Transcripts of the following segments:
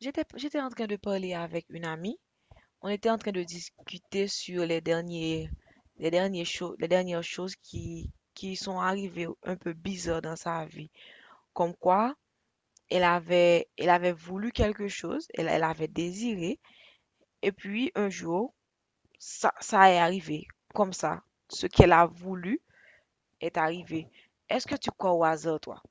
J'étais en train de parler avec une amie. On était en train de discuter sur les dernières choses qui sont arrivées un peu bizarres dans sa vie. Comme quoi, elle avait voulu quelque chose, elle avait désiré, et puis un jour, ça est arrivé. Comme ça, ce qu'elle a voulu est arrivé. Est-ce que tu crois au hasard, toi?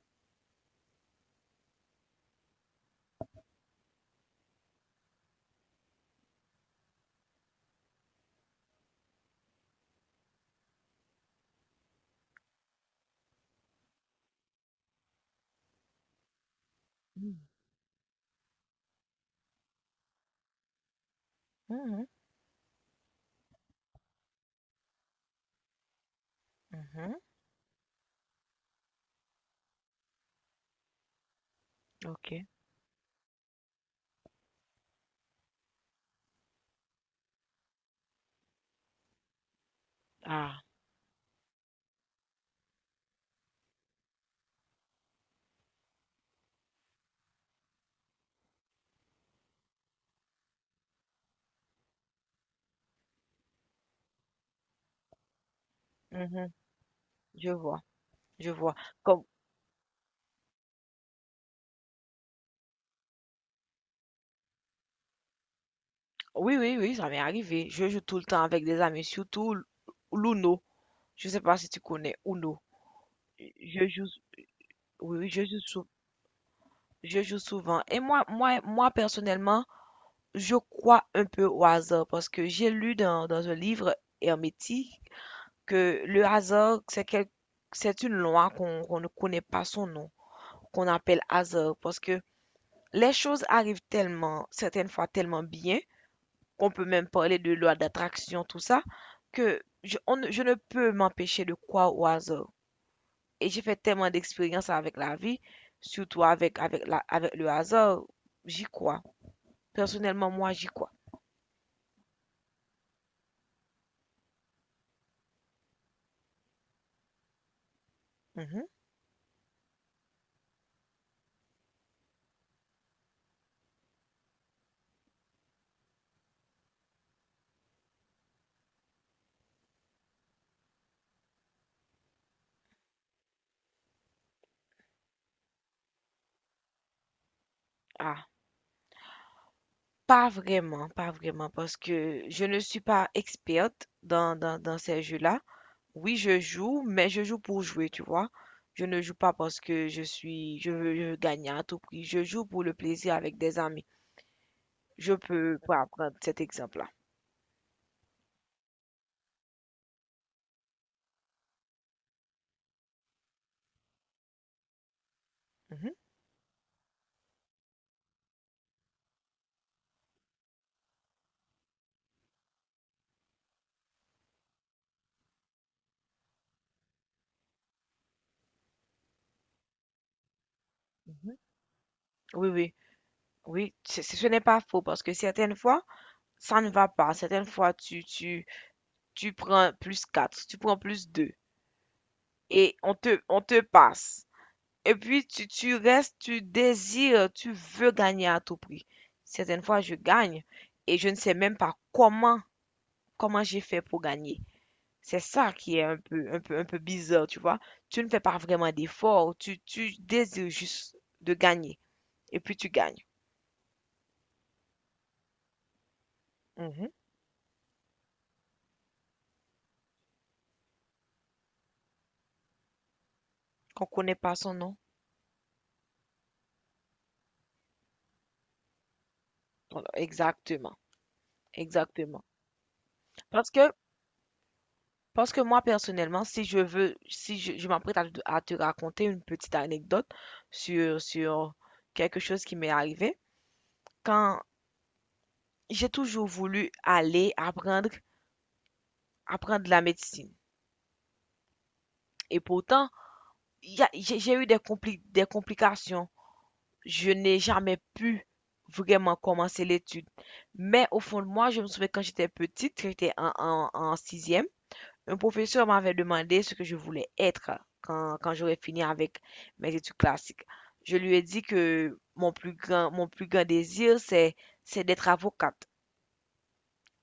Mhm, mhm, ok. Ah, mhm, je vois, je vois. Comme, Oui, oui, oui, ça m'est arrivé. Je joue tout le temps avec des amis, surtout l'Uno. Je sais pas si tu connais Uno. Je joue, oui, oui, je joue souvent. Et moi, personnellement, je crois un peu au hasard parce que j'ai lu dans un livre hermétique que le hasard, c'est une loi qu'on ne connaît pas son nom, qu'on appelle hasard parce que les choses arrivent tellement, certaines fois tellement bien, on peut même parler de loi d'attraction, tout ça, que je ne peux m'empêcher de croire au hasard. Et j'ai fait tellement d'expériences avec la vie, surtout avec le hasard, j'y crois. Personnellement, moi, j'y crois. Mhm. Ah, pas vraiment, pas vraiment, parce que je ne suis pas experte dans ces jeux-là. Oui, je joue, mais je joue pour jouer, tu vois. Je ne joue pas parce que je veux gagner à tout prix. Je joue pour le plaisir avec des amis. Je peux pas prendre cet exemple-là. Mhm, mhm. Oui, oui, oui, ce n'est pas faux parce que certaines fois, ça ne va pas. Certaines fois, tu prends plus 4, tu prends plus 2, et on te passe. Et puis, tu restes, tu désires, tu veux gagner à tout prix. Certaines fois, je gagne et je ne sais même pas comment j'ai fait pour gagner. C'est ça qui est un peu bizarre, tu vois. Tu ne fais pas vraiment d'effort, tu désires juste de gagner et puis tu gagnes. Mhm. Qu'on connaît pas son nom. Voilà, exactement, exactement. Parce que, parce que moi, personnellement, si je veux, si je, je m'apprête à te raconter une petite anecdote sur quelque chose qui m'est arrivé, quand j'ai toujours voulu apprendre la médecine. Et pourtant, j'ai eu des complications. Je n'ai jamais pu vraiment commencer l'étude. Mais au fond de moi, je me souviens quand j'étais petite, quand j'étais en sixième, un professeur m'avait demandé ce que je voulais être quand j'aurais fini avec mes études classiques. Je lui ai dit que mon plus grand désir, c'est d'être avocate.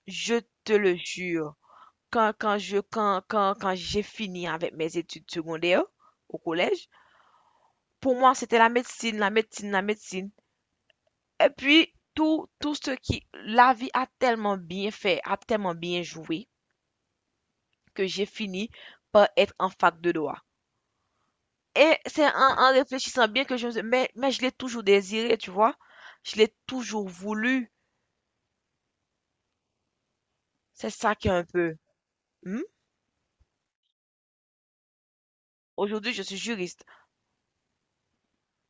Je te le jure. Quand, quand je, quand, quand, quand j'ai fini avec mes études secondaires au collège, pour moi, c'était la médecine, la médecine, la médecine. Et puis, la vie a tellement bien fait, a tellement bien joué, que j'ai fini par être en fac de droit. Et c'est en réfléchissant bien que je me suis dit, mais je l'ai toujours désiré, tu vois. Je l'ai toujours voulu. C'est ça qui est un peu. Hmm? Aujourd'hui, je suis juriste.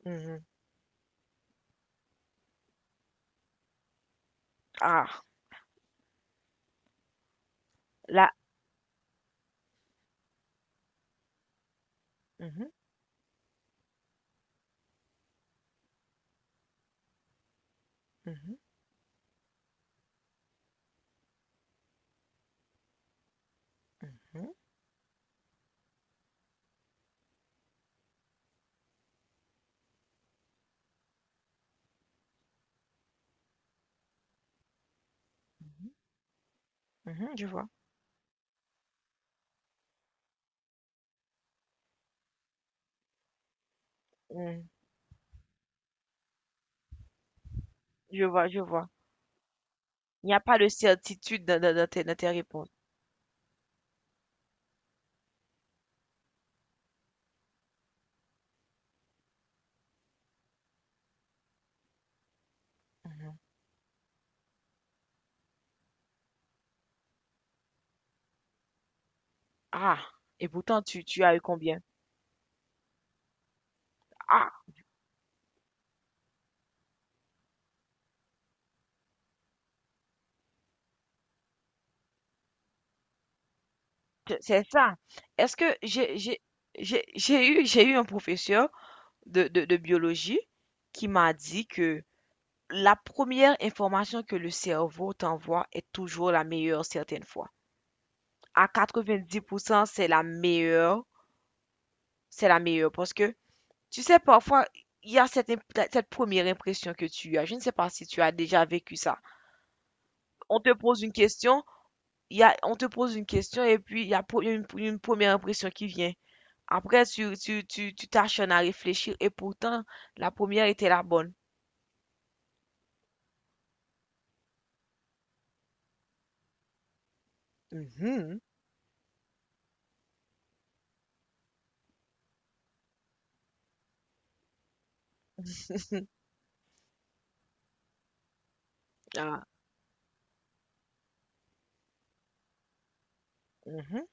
Mhm. Ah, là. Mhm, mhm, mhm, mhm, mhm, je vois. Mhm. Je vois, je vois. Il n'y a pas de certitude dans tes réponses. Mhm. Ah, et pourtant tu as eu combien? Ah, c'est ça. Est-ce que j'ai eu un professeur de biologie qui m'a dit que la première information que le cerveau t'envoie est toujours la meilleure certaines fois. À 90%, c'est la meilleure parce que tu sais parfois il y a cette première impression que tu as. Je ne sais pas si tu as déjà vécu ça. On te pose une question on te pose une question et puis il y a, pro- il y a une première impression qui vient. Après, tu t'acharnes à réfléchir et pourtant, la première était la bonne. Mhm. Ah, mhm.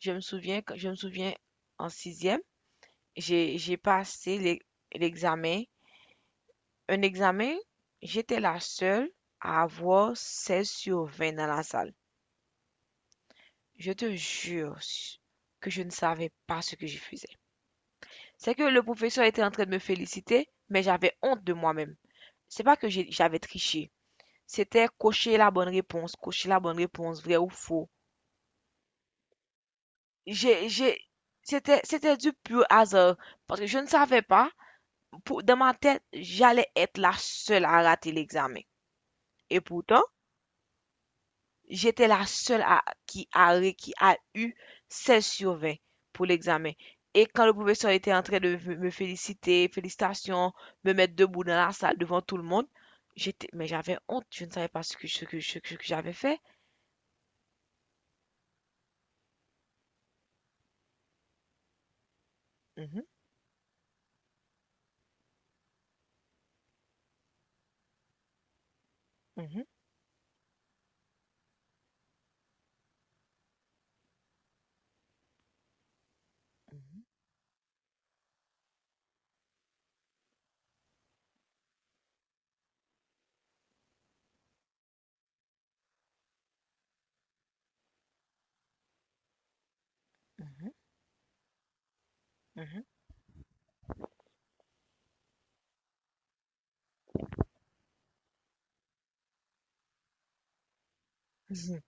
Je me souviens en sixième, j'ai passé l'examen. Un examen, j'étais la seule à avoir 16/20 dans la salle. Je te jure que je ne savais pas ce que je faisais. C'est que le professeur était en train de me féliciter, mais j'avais honte de moi-même. C'est pas que j'avais triché. C'était cocher la bonne réponse, cocher la bonne réponse, vrai ou faux. J'ai, j'ai, c'était du pur hasard. Parce que je ne savais pas, dans ma tête, j'allais être la seule à rater l'examen. Et pourtant, j'étais la seule à, qui a, ré- qui a eu 16/20 pour l'examen. Et quand le professeur était en train de me féliciter, félicitations, me mettre debout dans la salle devant tout le monde, mais j'avais honte, je ne savais pas ce que j'avais fait. Mhm. Mhm, mhm, mhm, mhm.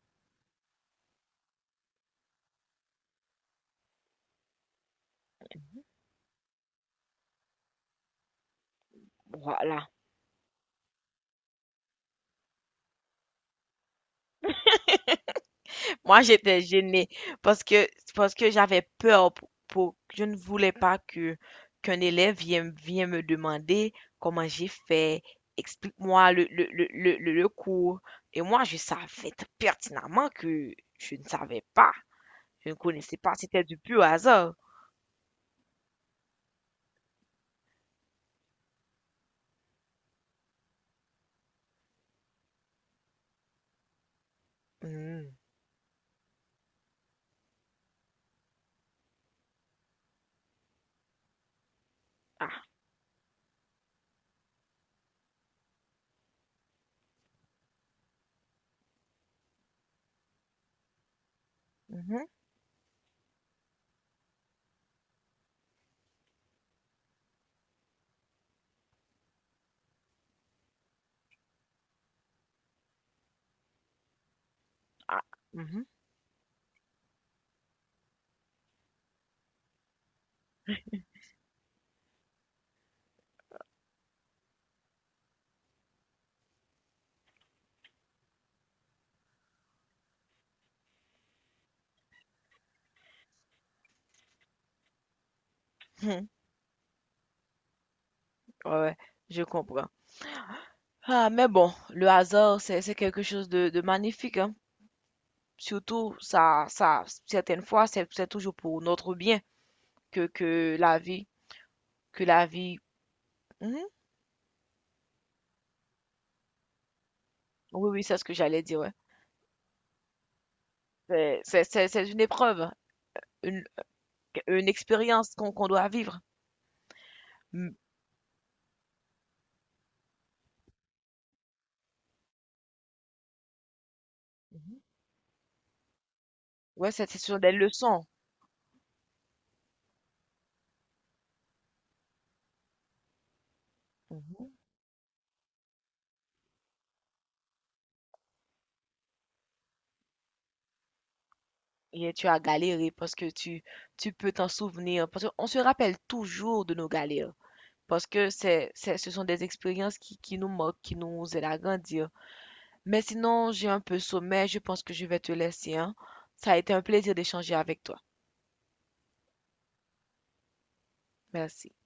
Voilà. Moi, j'étais gênée parce que, parce que j'avais peur je ne voulais pas qu'un élève vienne me demander comment j'ai fait, explique-moi le cours. Et moi, je savais pertinemment que je ne savais pas. Je ne connaissais pas. C'était du pur hasard. Mmh. Ah. Mhm. Ah. Mhm. Ouais, ouais, je comprends. Ah, mais bon, le hasard, c'est quelque chose de magnifique, hein. Surtout, certaines fois, c'est toujours pour notre bien que, que la vie, que la vie. Mhm. Oui, oui, c'est ce que j'allais dire, ouais. C'est une épreuve, une, une expérience qu'on doit vivre. Mmh. Mmh. Ouais, c'est sur des leçons. Mmh. Et tu as galéré parce que tu peux t'en souvenir. Parce qu'on se rappelle toujours de nos galères parce que c'est ce sont des expériences qui nous marquent, qui nous aident à grandir. Mais sinon, j'ai un peu sommeil, je pense que je vais te laisser, hein. Ça a été un plaisir d'échanger avec toi. Merci.